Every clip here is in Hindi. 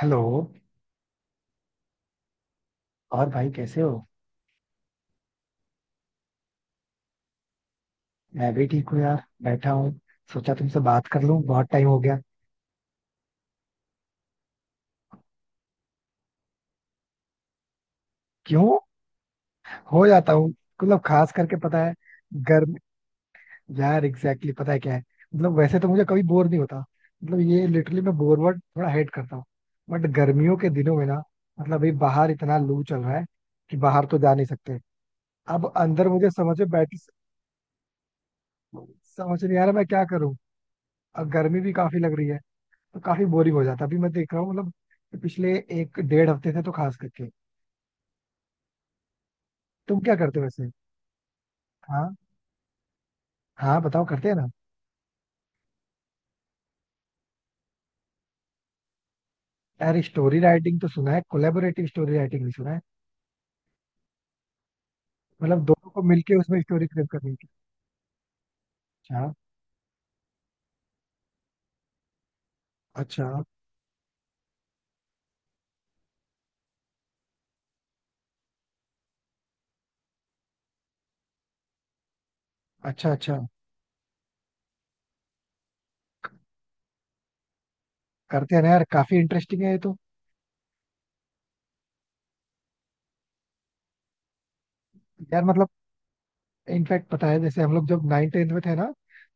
हेलो। और भाई कैसे हो? मैं भी ठीक हूँ यार, बैठा हूँ। सोचा तुमसे बात कर लूं, बहुत टाइम हो गया। क्यों? हो जाता हूँ मतलब, खास करके पता है। गर्म। यार एग्जैक्टली पता है क्या है। मतलब वैसे तो मुझे कभी बोर नहीं होता। मतलब ये लिटरली, मैं बोर वर्ड थोड़ा हेट करता हूँ। बट गर्मियों के दिनों में ना, मतलब अभी बाहर इतना लू चल रहा है कि बाहर तो जा नहीं सकते। अब अंदर मुझे समझ में बैठ, समझ नहीं आ रहा मैं क्या करूँ। अब गर्मी भी काफी लग रही है तो काफी बोरिंग हो जाता है। अभी मैं देख रहा हूँ मतलब पिछले एक डेढ़ हफ्ते से तो खास करके। तुम क्या करते हो वैसे? हाँ हाँ, बताओ करते हैं ना। यार स्टोरी राइटिंग तो सुना है, कोलेबोरेटिव स्टोरी राइटिंग भी सुना है। मतलब दोनों को मिलके उसमें स्टोरी क्रिएट करनी है। अच्छा अच्छा। अच्छा अच्छा। करते हैं ना यार, काफी इंटरेस्टिंग है ये तो। यार मतलब इनफैक्ट पता है, जैसे हम लोग जब 9th-10th में थे ना,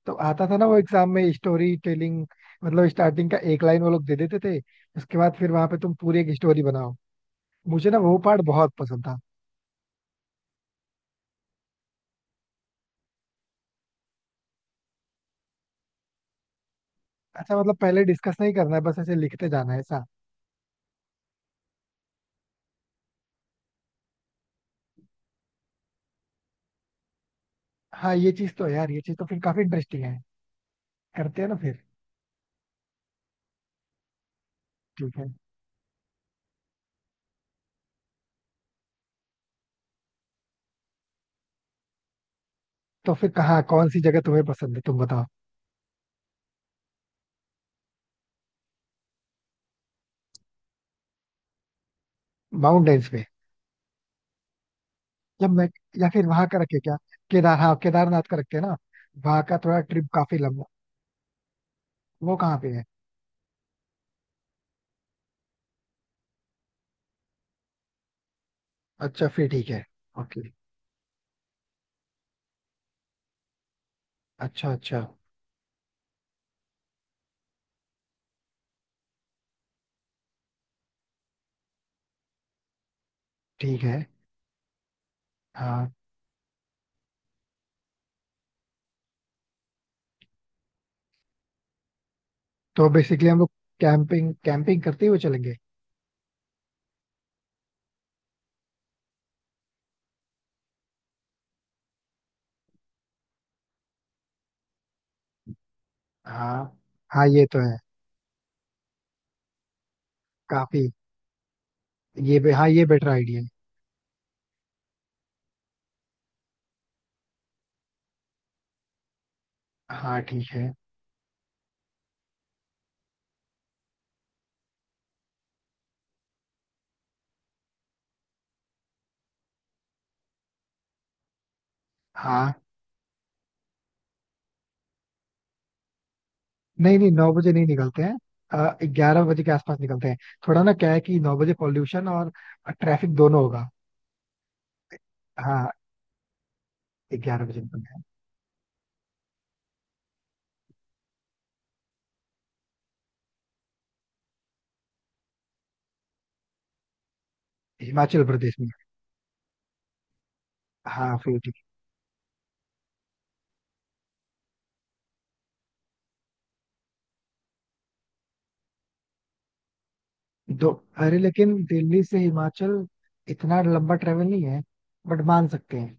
तो आता था ना वो एग्जाम में स्टोरी टेलिंग। मतलब स्टार्टिंग का एक लाइन वो लोग दे देते थे। उसके बाद फिर वहां पे तुम पूरी एक स्टोरी बनाओ। मुझे ना वो पार्ट बहुत पसंद था। अच्छा, मतलब पहले डिस्कस नहीं करना है, बस ऐसे लिखते जाना है ऐसा। हाँ ये चीज तो है यार, ये चीज तो फिर काफी इंटरेस्टिंग है। करते हैं ना फिर। ठीक है। तो फिर कहाँ, कौन सी जगह तुम्हें पसंद है तुम बताओ। माउंटेन्स पे। या मैं, या फिर वहां का रखे क्या? केदार, हाँ केदारनाथ का रखते हैं ना। वहां का थोड़ा ट्रिप काफी लंबा। वो कहाँ पे है? अच्छा फिर ठीक है। ओके। अच्छा अच्छा। ठीक है। हाँ तो बेसिकली हम लोग कैंपिंग कैंपिंग करते हुए चलेंगे। हाँ हाँ ये तो है, काफी। ये हाँ, ये बेटर आइडिया है। हाँ ठीक है। हाँ। नहीं नहीं, 9 बजे नहीं निकलते हैं, 11 बजे के आसपास निकलते हैं। थोड़ा ना, क्या है कि 9 बजे पॉल्यूशन और ट्रैफिक दोनों होगा। हाँ। 11 बजे निकलते हैं। हिमाचल प्रदेश में। हाँ फिर ठीक है। दो। अरे लेकिन दिल्ली से हिमाचल इतना लंबा ट्रेवल नहीं है, बट मान सकते हैं।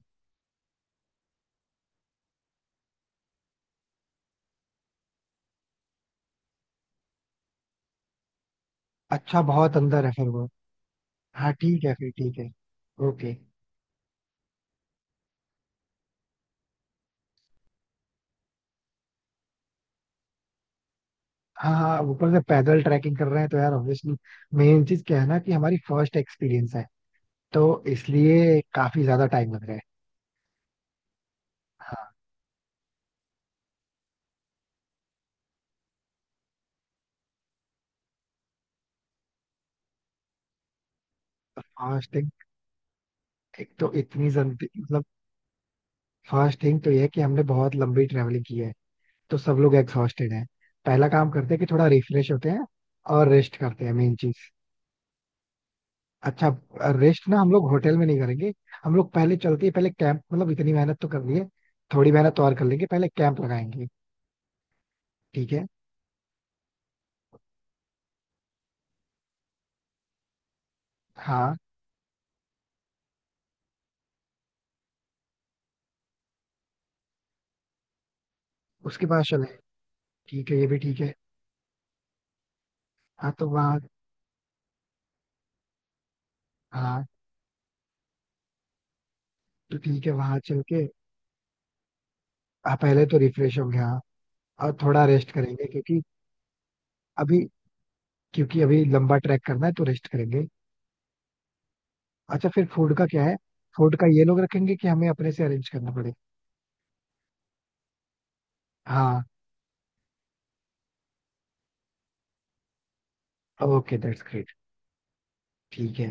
अच्छा, बहुत अंदर है फिर वो। हाँ ठीक है, फिर ठीक है। ओके। हाँ हाँ, ऊपर से पैदल ट्रैकिंग कर रहे हैं तो यार ऑब्वियसली मेन चीज क्या है ना, कि हमारी फर्स्ट एक्सपीरियंस है। तो इसलिए काफी ज्यादा टाइम लग रहा है। हाँ। फर्स्ट, एक तो इतनी जल्दी मतलब फर्स्ट थिंग तो ये है कि हमने बहुत लंबी ट्रेवलिंग की है, तो सब लोग एग्जॉस्टेड हैं। पहला काम करते हैं कि थोड़ा रिफ्रेश होते हैं और रेस्ट करते हैं, मेन चीज। अच्छा। रेस्ट ना हम लोग होटल में नहीं करेंगे, हम लोग पहले चलते हैं। पहले कैंप, मतलब इतनी मेहनत तो कर लिए, थोड़ी मेहनत तो और कर लेंगे, पहले कैंप लगाएंगे। ठीक है। हाँ उसके बाद चले, ठीक है, ये भी ठीक है। हाँ तो वहाँ। हाँ तो ठीक है, वहाँ चल के। हाँ, पहले तो रिफ्रेश हो गया, और थोड़ा रेस्ट करेंगे अभी क्योंकि अभी लंबा ट्रैक करना है तो रेस्ट करेंगे। अच्छा फिर फूड का क्या है? फूड का ये लोग रखेंगे, कि हमें अपने से अरेंज करना पड़े? हाँ ओके, दैट्स ग्रेट। ठीक है।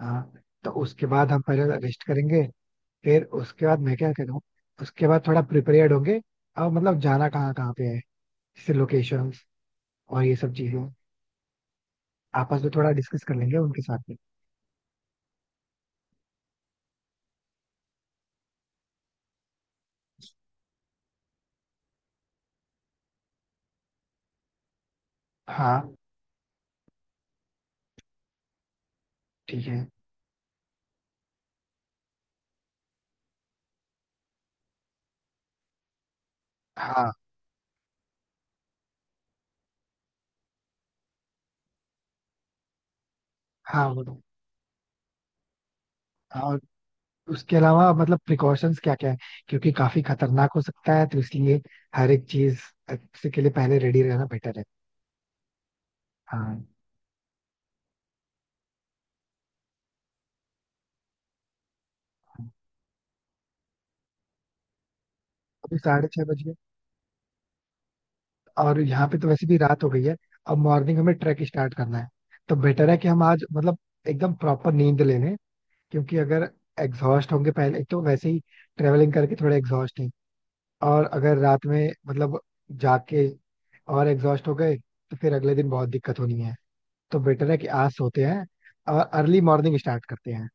हाँ तो उसके बाद हम पहले रेस्ट करेंगे। फिर उसके बाद मैं क्या करूँ? उसके बाद थोड़ा प्रिपेयर्ड होंगे, और मतलब जाना कहाँ कहाँ पे है, जैसे लोकेशंस और ये सब चीजें आपस में थोड़ा डिस्कस कर लेंगे उनके साथ में। हाँ ठीक है। हाँ हाँ वो तो- हाँ, उसके अलावा मतलब प्रिकॉशंस क्या क्या है, क्योंकि काफी खतरनाक हो सकता है तो इसलिए हर एक चीज से के लिए पहले रेडी रहना बेटर है। हाँ। अभी 6:30 बज गए, और यहाँ पे तो वैसे भी रात हो गई है। अब मॉर्निंग हमें ट्रैक स्टार्ट करना है, तो बेटर है कि हम आज मतलब एकदम प्रॉपर नींद ले लें। क्योंकि अगर एग्जॉस्ट होंगे, पहले एक तो वैसे ही ट्रेवलिंग करके थोड़े एग्जॉस्ट हैं, और अगर रात में मतलब जाके और एग्जॉस्ट हो गए, तो फिर अगले दिन बहुत दिक्कत होनी है। तो बेटर है कि आज सोते हैं और अर्ली मॉर्निंग स्टार्ट करते हैं।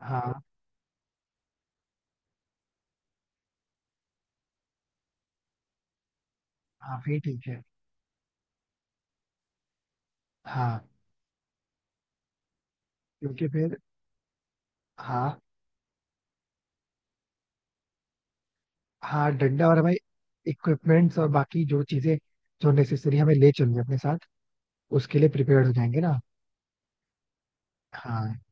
हाँ। हाँ फिर ठीक है। हाँ। क्योंकि फिर, हाँ। हाँ डंडा और हमारे इक्विपमेंट्स और बाकी जो चीजें जो नेसेसरी हमें ले चलनी है अपने साथ, उसके लिए प्रिपेयर हो जाएंगे ना। हाँ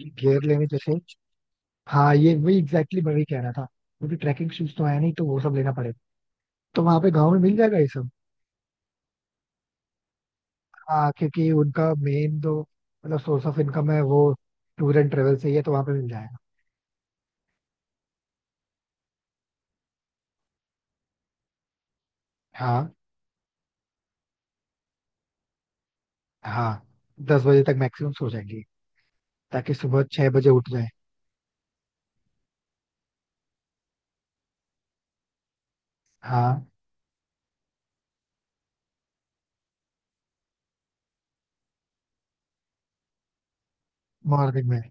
गियर लेने जैसे, हाँ ये वही एग्जैक्टली मैं वही कह रहा था, क्योंकि ट्रैकिंग शूज तो है नहीं, तो वो सब लेना पड़ेगा। तो वहां पे गाँव में मिल जाएगा ये सब। हाँ, क्योंकि उनका मेन जो मतलब सोर्स ऑफ इनकम है वो टूर एंड ट्रेवल से ही है, तो वहां पे मिल जाएगा। हाँ। हाँ। 10 बजे तक मैक्सिमम सो जाएंगे, ताकि सुबह 6 बजे उठ जाए। हाँ। मॉर्निंग में।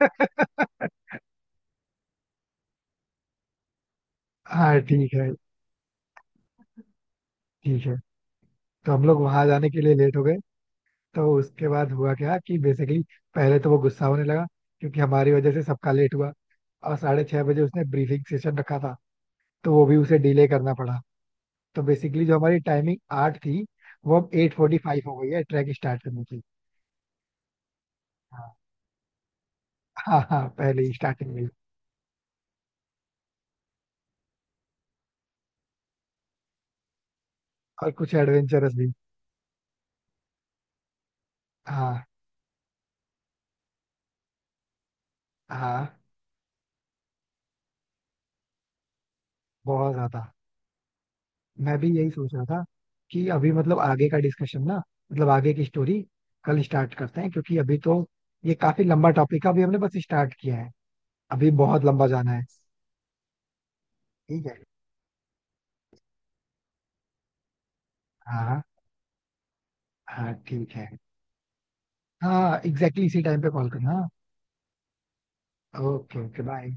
हाँ ठीक है। ठीक है, तो हम लोग वहां जाने के लिए लेट हो गए। तो उसके बाद हुआ क्या कि बेसिकली पहले तो वो गुस्सा होने लगा, क्योंकि हमारी वजह से सबका लेट हुआ। और 6:30 उसने ब्रीफिंग सेशन रखा था, तो वो भी उसे डिले करना पड़ा। तो बेसिकली जो हमारी टाइमिंग 8 थी, वो अब 8:45 हो गई है ट्रैक स्टार्ट करने की। हाँ। हाँ हाँ, पहले ही स्टार्टिंग में। और कुछ एडवेंचरस भी। हाँ। हाँ बहुत ज्यादा। मैं भी यही सोच रहा था कि अभी मतलब आगे का डिस्कशन ना, मतलब आगे की स्टोरी कल स्टार्ट करते हैं, क्योंकि अभी तो ये काफी लंबा टॉपिक है, अभी हमने बस स्टार्ट किया है, अभी बहुत लंबा जाना है। ठीक है। हाँ। हाँ ठीक है। हाँ एग्जैक्टली इसी टाइम पे कॉल करना। Okay okay bye.